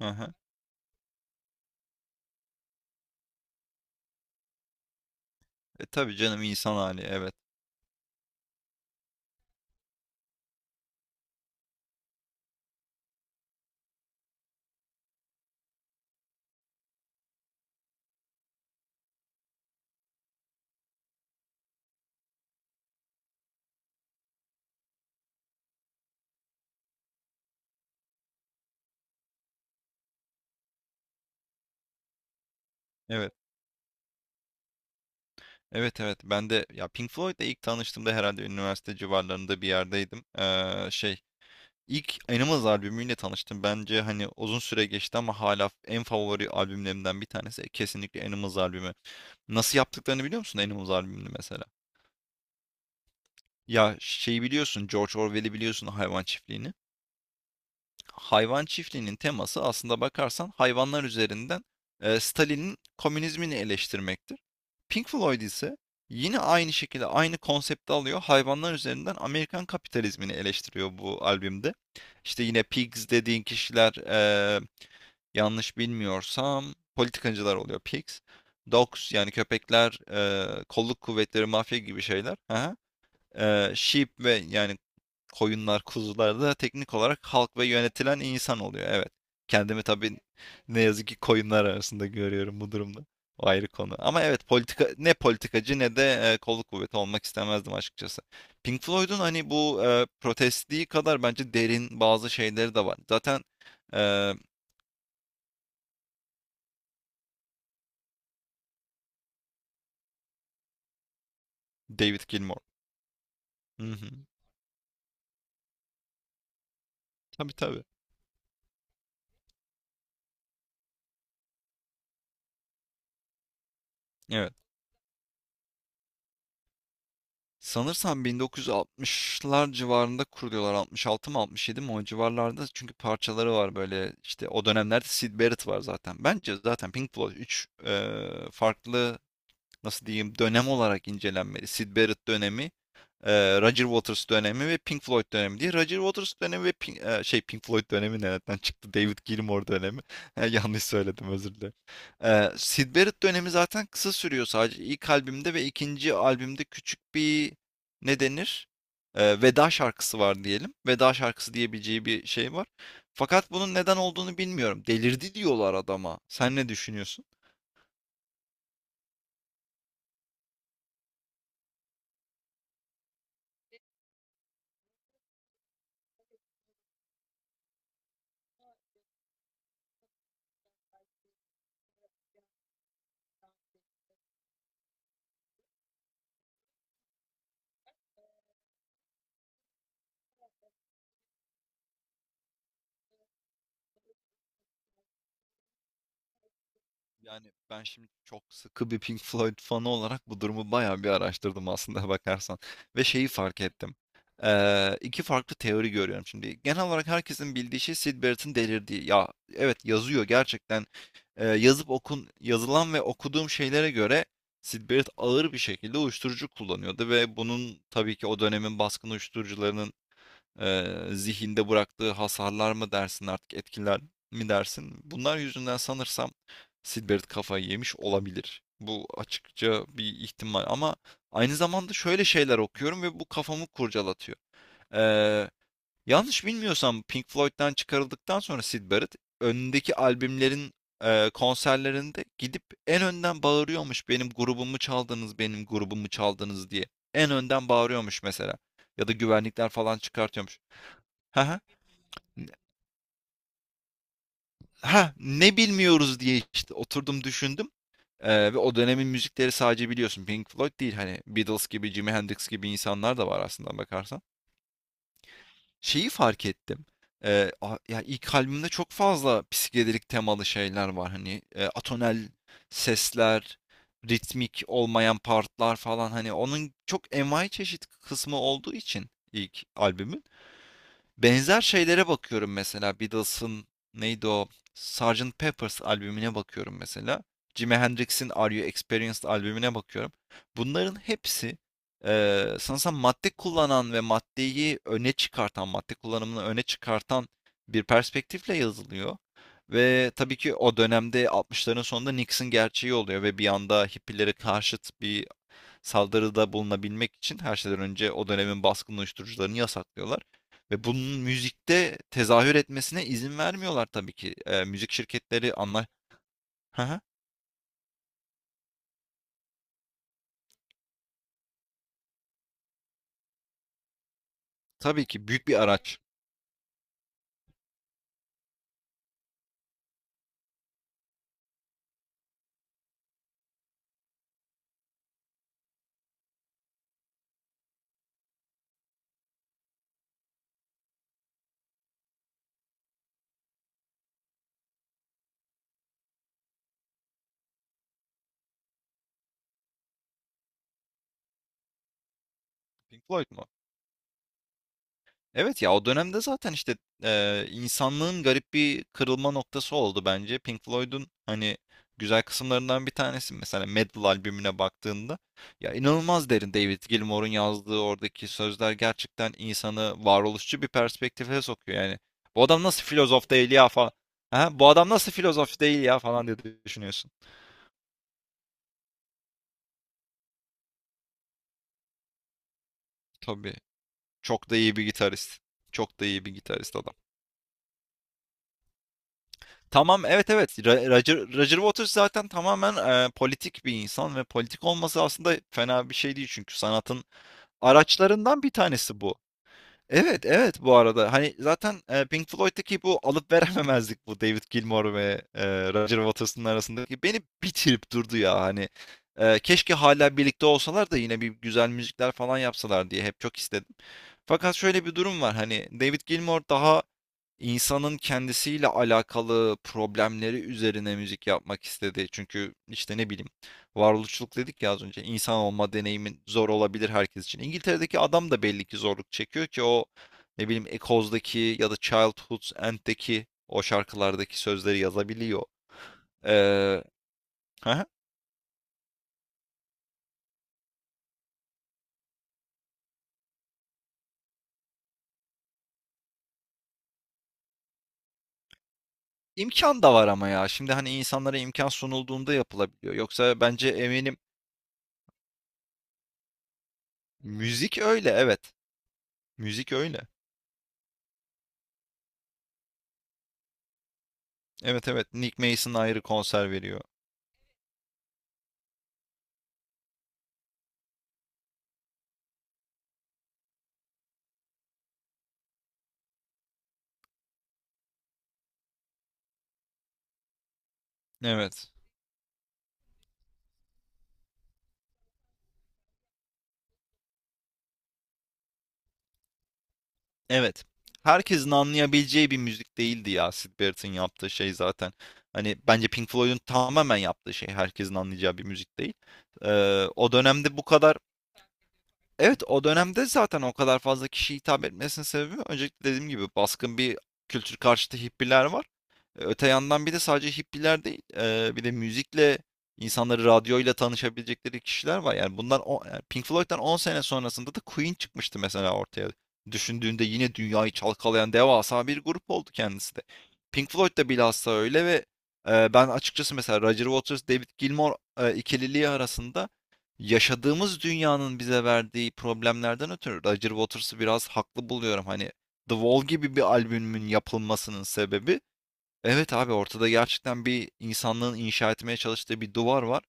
Aha. E tabii canım insan hali, evet. Evet. Evet, evet, ben de ya Pink Floyd'la ilk tanıştığımda herhalde üniversite civarlarında bir yerdeydim. Şey, ilk Animals albümüyle tanıştım. Bence hani uzun süre geçti ama hala en favori albümlerimden bir tanesi, kesinlikle Animals albümü. Nasıl yaptıklarını biliyor musun Animals albümünü mesela? Ya şeyi biliyorsun, George Orwell'i biliyorsun, Hayvan Çiftliği'ni. Hayvan çiftliğinin teması aslında bakarsan hayvanlar üzerinden Stalin'in komünizmini eleştirmektir. Pink Floyd ise yine aynı şekilde aynı konsepti alıyor. Hayvanlar üzerinden Amerikan kapitalizmini eleştiriyor bu albümde. İşte yine Pigs dediğin kişiler, yanlış bilmiyorsam politikacılar oluyor Pigs. Dogs yani köpekler, kolluk kuvvetleri, mafya gibi şeyler. Hı. Sheep ve yani koyunlar, kuzular da teknik olarak halk ve yönetilen insan oluyor. Evet. Kendimi tabii ne yazık ki koyunlar arasında görüyorum bu durumda. O ayrı konu. Ama evet, politika ne politikacı ne de kolluk kuvveti olmak istemezdim açıkçası. Pink Floyd'un hani bu protestliği kadar bence derin bazı şeyleri de var. Zaten e, David Gilmour. Hı hı. Tabii, tabii. Evet. Sanırsam 1960'lar civarında kuruluyorlar. 66 mı 67 mi, o civarlarda. Çünkü parçaları var böyle işte o dönemlerde, Syd Barrett var zaten. Bence zaten Pink Floyd 3 farklı, nasıl diyeyim, dönem olarak incelenmeli. Syd Barrett dönemi, Roger Waters dönemi ve Pink Floyd dönemi diye. Roger Waters dönemi ve Pink, e, şey Pink Floyd dönemi nereden çıktı? David Gilmour dönemi. Yanlış söyledim, özür dilerim. Syd Barrett dönemi zaten kısa sürüyor sadece. İlk albümde ve ikinci albümde küçük bir, ne denir, veda şarkısı var diyelim. Veda şarkısı diyebileceği bir şey var. Fakat bunun neden olduğunu bilmiyorum. Delirdi diyorlar adama. Sen ne düşünüyorsun? Yani ben şimdi çok sıkı bir Pink Floyd fanı olarak bu durumu bayağı bir araştırdım aslında bakarsan. Ve şeyi fark ettim. İki farklı teori görüyorum şimdi. Genel olarak herkesin bildiği şey Syd Barrett'ın delirdiği. Ya evet, yazıyor gerçekten. Yazıp okun yazılan ve okuduğum şeylere göre Syd Barrett ağır bir şekilde uyuşturucu kullanıyordu ve bunun tabii ki o dönemin baskın uyuşturucularının zihinde bıraktığı hasarlar mı dersin artık, etkiler mi dersin? Bunlar yüzünden sanırsam Silbert kafayı yemiş olabilir. Bu açıkça bir ihtimal, ama aynı zamanda şöyle şeyler okuyorum ve bu kafamı kurcalatıyor. Eee, Yanlış bilmiyorsam Pink Floyd'dan çıkarıldıktan sonra Syd Barrett önündeki albümlerin konserlerinde gidip en önden bağırıyormuş, "benim grubumu çaldınız, benim grubumu çaldınız" diye. En önden bağırıyormuş mesela. Ya da güvenlikler falan çıkartıyormuş. Ha, ha. Ha, ne bilmiyoruz diye işte oturdum düşündüm. Ve o dönemin müzikleri sadece biliyorsun Pink Floyd değil, hani Beatles gibi, Jimi Hendrix gibi insanlar da var aslında bakarsan. Şeyi fark ettim. Ya, ilk albümde çok fazla psikedelik temalı şeyler var, hani atonel sesler, ritmik olmayan partlar falan, hani onun çok envai çeşit kısmı olduğu için ilk albümün. Benzer şeylere bakıyorum mesela, Beatles'ın neydi o, Sergeant Pepper's albümüne bakıyorum mesela. Jimi Hendrix'in Are You Experienced albümüne bakıyorum. Bunların hepsi sanırsam madde kullanan ve maddeyi öne çıkartan, madde kullanımını öne çıkartan bir perspektifle yazılıyor. Ve tabii ki o dönemde 60'ların sonunda Nixon gerçeği oluyor ve bir anda hippilere karşıt bir saldırıda bulunabilmek için her şeyden önce o dönemin baskın uyuşturucularını yasaklıyorlar. Ve bunun müzikte tezahür etmesine izin vermiyorlar tabii ki. Müzik şirketleri anla... Hı hı. Tabii ki, büyük bir araç. Pink Floyd mu? Evet ya, o dönemde zaten işte insanlığın garip bir kırılma noktası oldu bence. Pink Floyd'un hani güzel kısımlarından bir tanesi mesela, Metal albümüne baktığında ya inanılmaz derin David Gilmour'un yazdığı oradaki sözler gerçekten insanı varoluşçu bir perspektife sokuyor yani. Bu adam nasıl filozof değil ya, falan. Ha, bu adam nasıl filozof değil ya falan diye düşünüyorsun. Tabii, çok da iyi bir gitarist. Çok da iyi bir gitarist adam. Tamam, evet, evet, Roger Waters zaten tamamen politik bir insan ve politik olması aslında fena bir şey değil çünkü sanatın araçlarından bir tanesi bu. Evet, evet, bu arada hani zaten Pink Floyd'daki bu alıp verememezlik, bu David Gilmour ve Roger Waters'ın arasındaki beni bitirip durdu ya hani. Keşke hala birlikte olsalar da yine bir güzel müzikler falan yapsalar diye hep çok istedim. Fakat şöyle bir durum var, hani David Gilmour daha insanın kendisiyle alakalı problemleri üzerine müzik yapmak istedi. Çünkü işte ne bileyim, varoluşçuluk dedik ya az önce, insan olma deneyimin zor olabilir herkes için. İngiltere'deki adam da belli ki zorluk çekiyor ki o, ne bileyim, Echoes'daki ya da Childhood's End'deki o şarkılardaki sözleri yazabiliyor. Ee, hı hı. imkan da var ama ya, şimdi hani insanlara imkan sunulduğunda yapılabiliyor. Yoksa bence eminim müzik öyle, evet, müzik öyle. Evet, evet, Nick Mason ayrı konser veriyor. Evet. Evet. Herkesin anlayabileceği bir müzik değildi ya Syd Barrett'ın yaptığı şey zaten. Hani bence Pink Floyd'un tamamen yaptığı şey herkesin anlayacağı bir müzik değil. O dönemde bu kadar, evet, o dönemde zaten o kadar fazla kişiye hitap etmesinin sebebi öncelikle dediğim gibi baskın bir kültür karşıtı hippiler var. Öte yandan bir de sadece hippiler değil, bir de müzikle, insanları radyoyla tanışabilecekleri kişiler var. Yani bundan o yani, Pink Floyd'dan 10 sene sonrasında da Queen çıkmıştı mesela ortaya. Düşündüğünde yine dünyayı çalkalayan devasa bir grup oldu kendisi de. Pink Floyd da bilhassa öyle ve ben açıkçası mesela Roger Waters, David Gilmour ikililiği arasında yaşadığımız dünyanın bize verdiği problemlerden ötürü Roger Waters'ı biraz haklı buluyorum. Hani The Wall gibi bir albümün yapılmasının sebebi, evet abi, ortada gerçekten bir insanlığın inşa etmeye çalıştığı bir duvar var.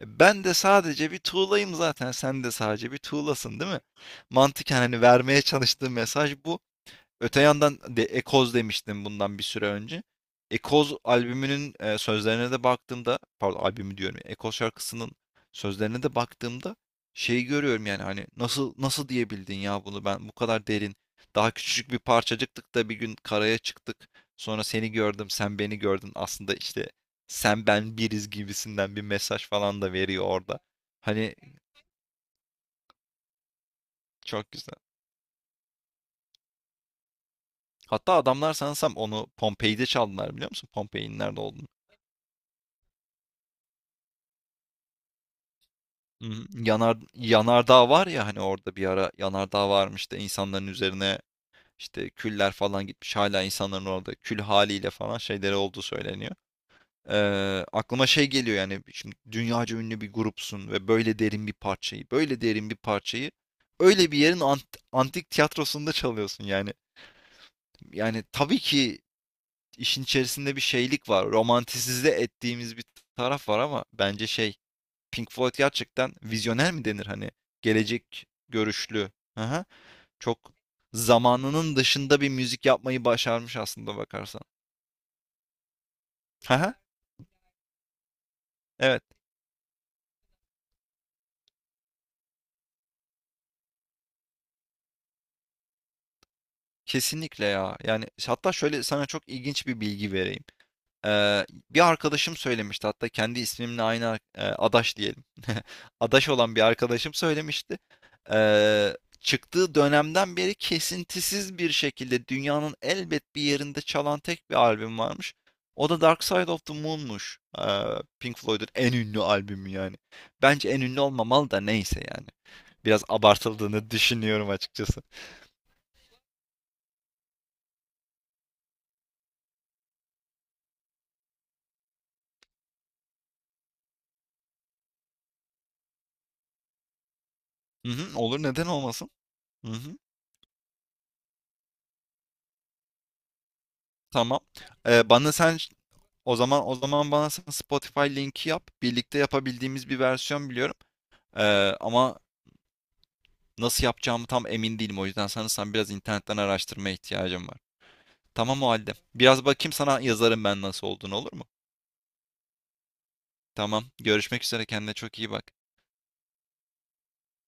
Ben de sadece bir tuğlayım zaten. Sen de sadece bir tuğlasın, değil mi? Mantıken hani vermeye çalıştığı mesaj bu. Öte yandan de Ekoz demiştim bundan bir süre önce. Ekoz albümünün sözlerine de baktığımda, pardon albümü diyorum, Ekoz şarkısının sözlerine de baktığımda şeyi görüyorum, yani hani nasıl nasıl diyebildin ya bunu, ben bu kadar derin, daha küçücük bir parçacıktık da bir gün karaya çıktık. Sonra seni gördüm, sen beni gördün. Aslında işte sen ben biriz gibisinden bir mesaj falan da veriyor orada. Hani çok güzel. Hatta adamlar sanırsam onu Pompei'de çaldılar, biliyor musun? Pompei'nin nerede olduğunu. Hı hı. Yanardağ var ya hani, orada bir ara yanardağ varmış da insanların üzerine işte küller falan gitmiş, hala insanların orada kül haliyle falan şeyleri olduğu söyleniyor. Ee, Aklıma şey geliyor yani, şimdi dünyaca ünlü bir grupsun ve böyle derin bir parçayı öyle bir yerin antik tiyatrosunda çalıyorsun yani. Yani tabii ki işin içerisinde bir şeylik var, romantisize ettiğimiz bir taraf var ama bence şey, Pink Floyd gerçekten vizyoner mi denir hani? Gelecek görüşlü. Aha, çok zamanının dışında bir müzik yapmayı başarmış aslında bakarsan. Aha, evet, kesinlikle ya. Yani hatta şöyle, sana çok ilginç bir bilgi vereyim. Bir arkadaşım söylemişti, hatta kendi ismimle aynı adaş diyelim. Adaş olan bir arkadaşım söylemişti. Çıktığı dönemden beri kesintisiz bir şekilde dünyanın elbet bir yerinde çalan tek bir albüm varmış. O da Dark Side of the Moon'muş. Pink Floyd'un en ünlü albümü yani. Bence en ünlü olmamalı da, neyse yani. Biraz abartıldığını düşünüyorum açıkçası. Hı hı, olur, neden olmasın? Hı hı, tamam. Ee, bana sen ş- o zaman bana sen Spotify linki yap. Birlikte yapabildiğimiz bir versiyon biliyorum. Ee, Ama nasıl yapacağımı tam emin değilim. O yüzden sanırsam biraz internetten araştırmaya ihtiyacım var. Tamam o halde. Biraz bakayım, sana yazarım ben nasıl olduğunu, olur mu? Tamam. Görüşmek üzere. Kendine çok iyi bak.